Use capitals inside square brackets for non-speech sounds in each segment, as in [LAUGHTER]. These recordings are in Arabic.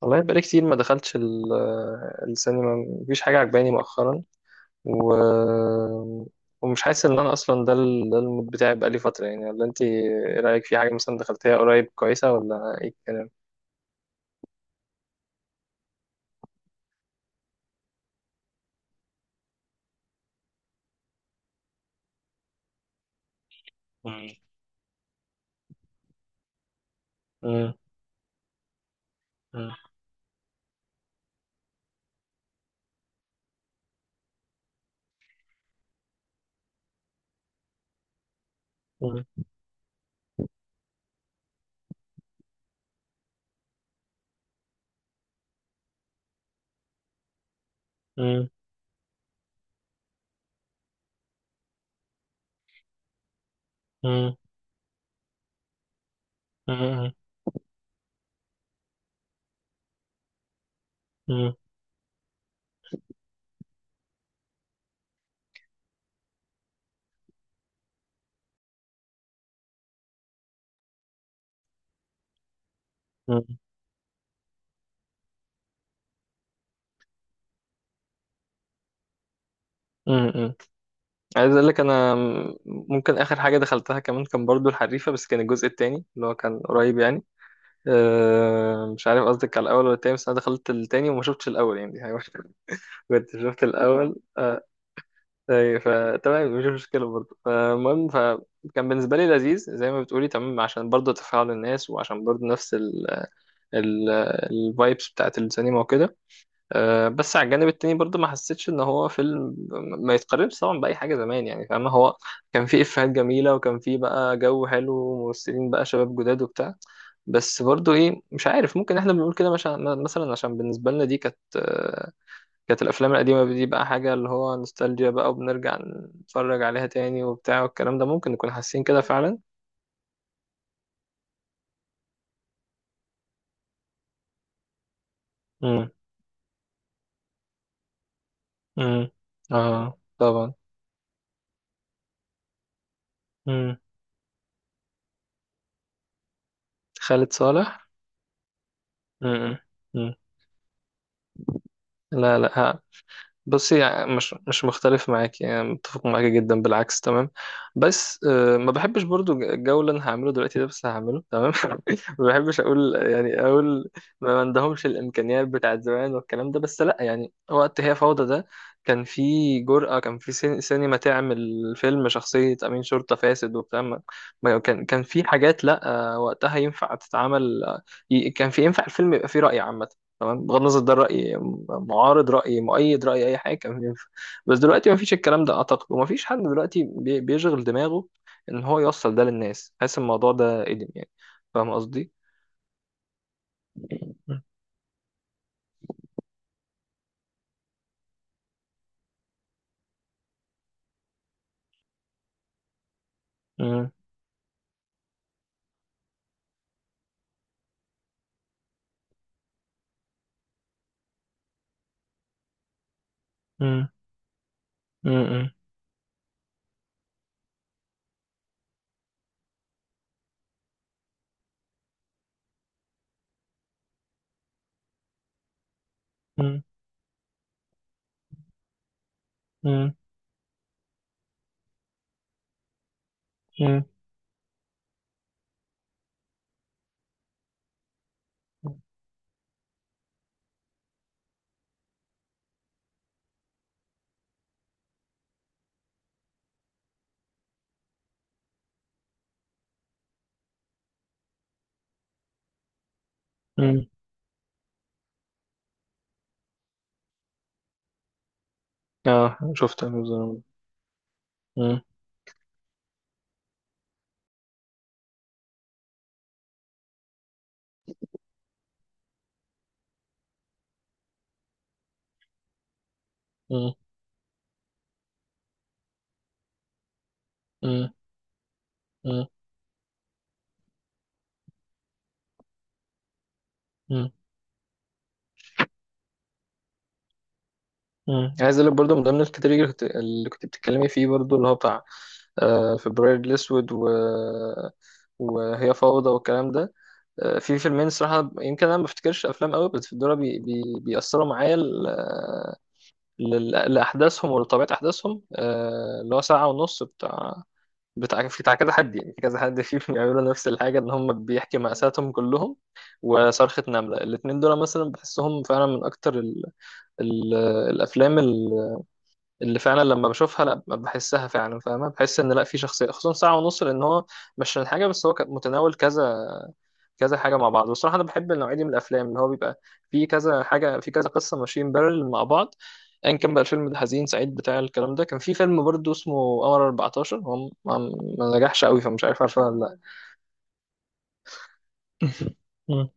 والله بقالي كتير ما دخلتش السينما. مفيش حاجة عجباني مؤخرا و... ومش حاسس ان انا اصلا ده المود بتاعي بقالي فترة يعني، ولا انت ايه رأيك في حاجة مثلا دخلتيها قريب كويسة ولا ايه الكلام؟ مم. مم. مم. مم. مم. مم. مم. مم. مم. مم. عايز اقول لك انا ممكن اخر حاجة دخلتها كمان كان برضو الحريفة، بس كان الجزء التاني اللي هو كان قريب يعني. أه مش عارف قصدك على الاول ولا التاني، بس انا دخلت التاني وما شفتش الاول يعني [LAUGHS] كنت شفت الأول آه. أي فتمام مش مشكلة برضه، فالمهم فكان بالنسبة لي لذيذ زي ما بتقولي تمام، عشان برضه تفاعل الناس، وعشان برضه نفس ال الفايبس بتاعت السينما وكده. آه بس على الجانب التاني برضه ما حسيتش إن هو فيلم. ما يتقارنش طبعا بأي حاجة زمان يعني، فاهمة، هو كان فيه إفيهات جميلة وكان فيه بقى جو حلو وممثلين بقى شباب جداد وبتاع. بس برضه إيه، مش عارف، ممكن إحنا بنقول كده مثلا عشان بالنسبة لنا دي كانت كانت الافلام القديمه دي بقى حاجه اللي هو نوستالجيا بقى وبنرجع نتفرج عليها تاني وبتاع والكلام ده، ممكن نكون حاسين كده فعلا. امم. امم. اه طبعا. امم. خالد صالح. امم. امم. لا لا. بصي يعني مش مختلف معاك، يعني متفق معاك جدا بالعكس تمام. بس ما بحبش برضو الجو اللي انا هعمله دلوقتي ده، بس هعمله تمام [LAUGHS] ما بحبش اقول ما عندهمش الامكانيات بتاعت زمان والكلام ده. بس لا يعني وقت هي فوضى ده كان في جرأة، كان في سينما تعمل فيلم شخصية أمين شرطة فاسد وبتاع. كان في حاجات، لا وقتها ينفع تتعمل. كان في ينفع الفيلم يبقى فيه رأي عامة، تمام، بغض النظر ده رأي معارض، رأي مؤيد، رأي أي حاجة، كان ينفع. بس دلوقتي مفيش الكلام ده أعتقد، ومفيش حد دلوقتي بيشغل دماغه إن هو يوصل ده للناس، حاسس الموضوع ده قديم يعني. فاهم قصدي؟ م- م- م- م- م- م- م- م- اه شفت أنا بالظبط. م- م- م- م- م- م. عايز اقول لك برضه، من ضمن الكاتيجوري اللي كنت بتتكلمي فيه برضه اللي هو بتاع فبراير الاسود وهي فوضى والكلام ده. في فيلمين الصراحة، يمكن أنا ما بفتكرش أفلام قوي، بس دول بي بي بيأثروا معايا لأحداثهم ولطبيعة أحداثهم. اللي هو ساعة ونص بتاع، بتاع في بتاع كذا حد، يعني في كذا حد فيهم [LAUGHS] بيعملوا نفس الحاجة، إن هم بيحكي مأساتهم كلهم. وصرخة نملة، الاتنين دول مثلا بحسهم فعلا من أكتر ال الأفلام اللي فعلا لما بشوفها لا بحسها فعلا، فاهمة، بحس إن لا في شخصية، خصوصا ساعة ونص، لأن هو مش عشان حاجة، بس هو كان متناول كذا حاجه مع بعض. بصراحه انا بحب النوعيه دي من الافلام، اللي هو بيبقى فيه كذا حاجه في كذا قصه ماشيين بارل مع بعض، ايا كان بقى الفيلم ده حزين سعيد بتاع الكلام ده. كان في فيلم برضه اسمه قمر 14، هو ما ما نجحش قوي، فمش عارف عارفه ولا لا. [LAUGHS] مم.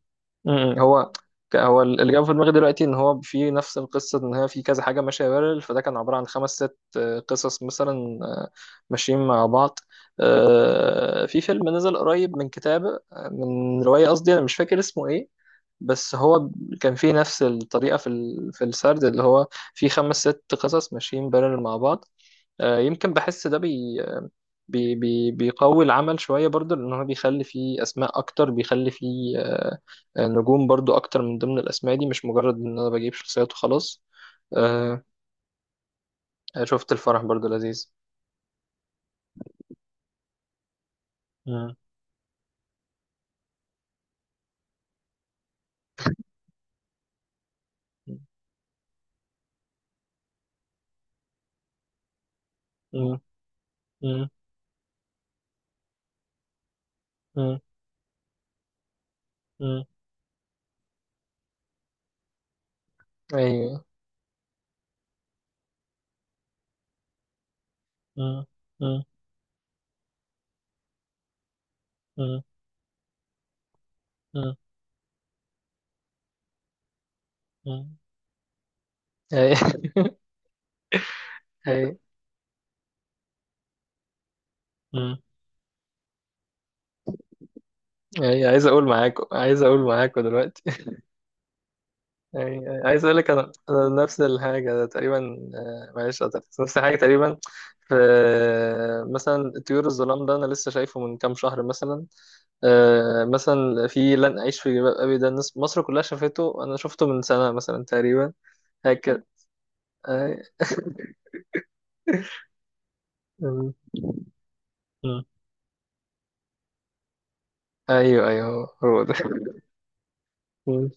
مم. هو هو اللي جاب في دماغي دلوقتي ان هو في نفس القصه، ان هي في كذا حاجه ماشيه بارل، فده كان عباره عن خمس ست قصص مثلا، ماشيين مع بعض. في فيلم نزل قريب من كتابه، من روايه، قصدي، انا مش فاكر اسمه ايه، بس هو كان فيه نفس الطريقة في في السرد، اللي هو فيه خمس ست قصص ماشيين بارلل مع بعض. يمكن بحس ده بي بي بي بيقوي العمل شوية برضو، لأن هو بيخلي فيه أسماء أكتر، بيخلي فيه نجوم برضو أكتر من ضمن الأسماء دي، مش مجرد إن أنا بجيب شخصيات وخلاص. آه، شفت الفرح برضو لذيذ. مم. مم. مم. مم. مم. أيوه. مم. مم. مم. مم. مم. أيوه [LAUGHS] أيوه. يعني عايز اقول معاكم دلوقتي. [LAUGHS] يعني عايز اقول لك انا، أنا نفس الحاجه تقريبا. معلش قطعتك. نفس الحاجه تقريبا. في مثلا طيور الظلام ده انا لسه شايفه من كام شهر مثلا. مثلا في لن اعيش في جلباب ابي، ده الناس مصر كلها شافته، انا شفته من سنه مثلا تقريبا. هكذا. آه، م- م. ايوه ايوه، هو هو ده [LAUGHS] م-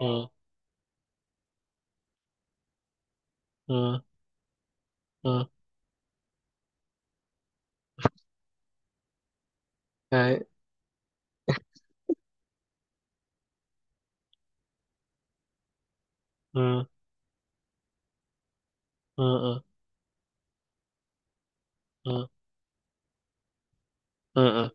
م- م- م. أي- م- م- م- م- م-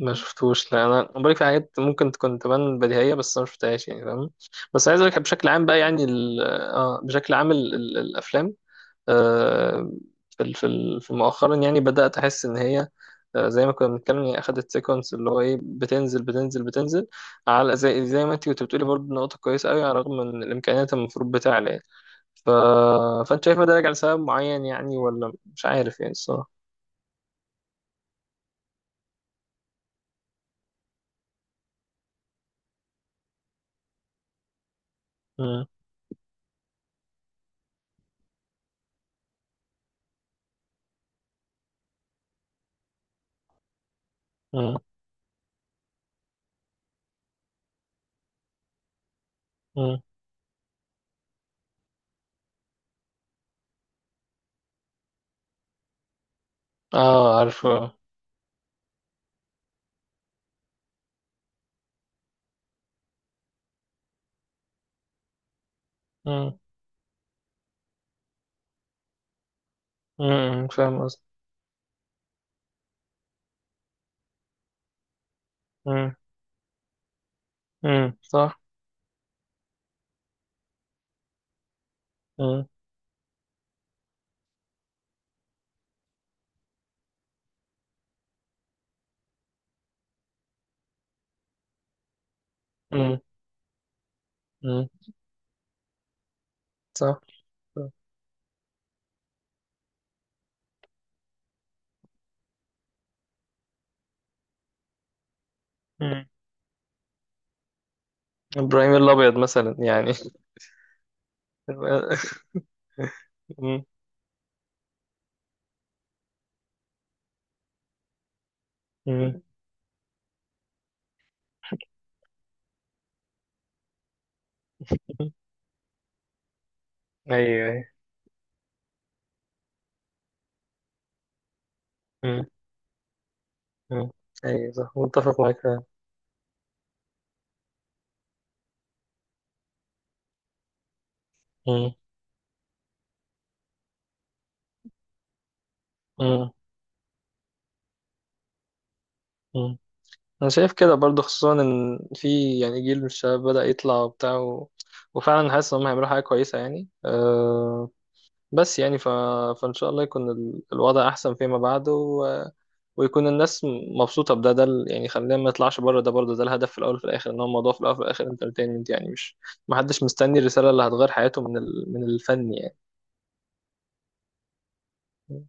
ما شفتوش، لا انا، أنا بقولك في حاجات ممكن تكون تبان بديهيه بس انا ما شفتهاش يعني، فاهم. بس عايز اقولك بشكل عام بقى، يعني ال... اه بشكل عام الافلام. آه في في مؤخرا، يعني بدات احس ان هي، آه زي ما كنا بنتكلم، يعني اخدت سيكونس اللي هو ايه، بتنزل على، زي ما انت كنت بتقولي برضه، نقطه كويسه قوي على الرغم من الامكانيات المفروض بتاعنا يعني. ف... فانت شايف ده راجع لسبب معين يعني، ولا مش عارف يعني الصراحه؟ مم. مم. مم. اه عارفه. امم، فاهم قصدي. امم. صح. امم. امم. امم صح. امم. ابراهيم الابيض مثلا يعني. [LAUGHS] امم. امم. ايوه ايوه. امم. امم. ايوه صح متفق معاك فعلا. امم. امم. امم. انا شايف كده برضو، خصوصا ان في يعني جيل من الشباب بدأ يطلع وبتاع وفعلا حاسس ان هم هيعملوا حاجه كويسه يعني. أه... بس يعني ف... فان شاء الله يكون الوضع احسن فيما بعد، ويكون الناس مبسوطة بده، يعني خلينا ما نطلعش بره، ده برضه ده الهدف في الأول وفي الآخر، إن هو الموضوع في الأول وفي الآخر انترتينمنت يعني، مش محدش مستني الرسالة اللي هتغير حياته من من الفن يعني.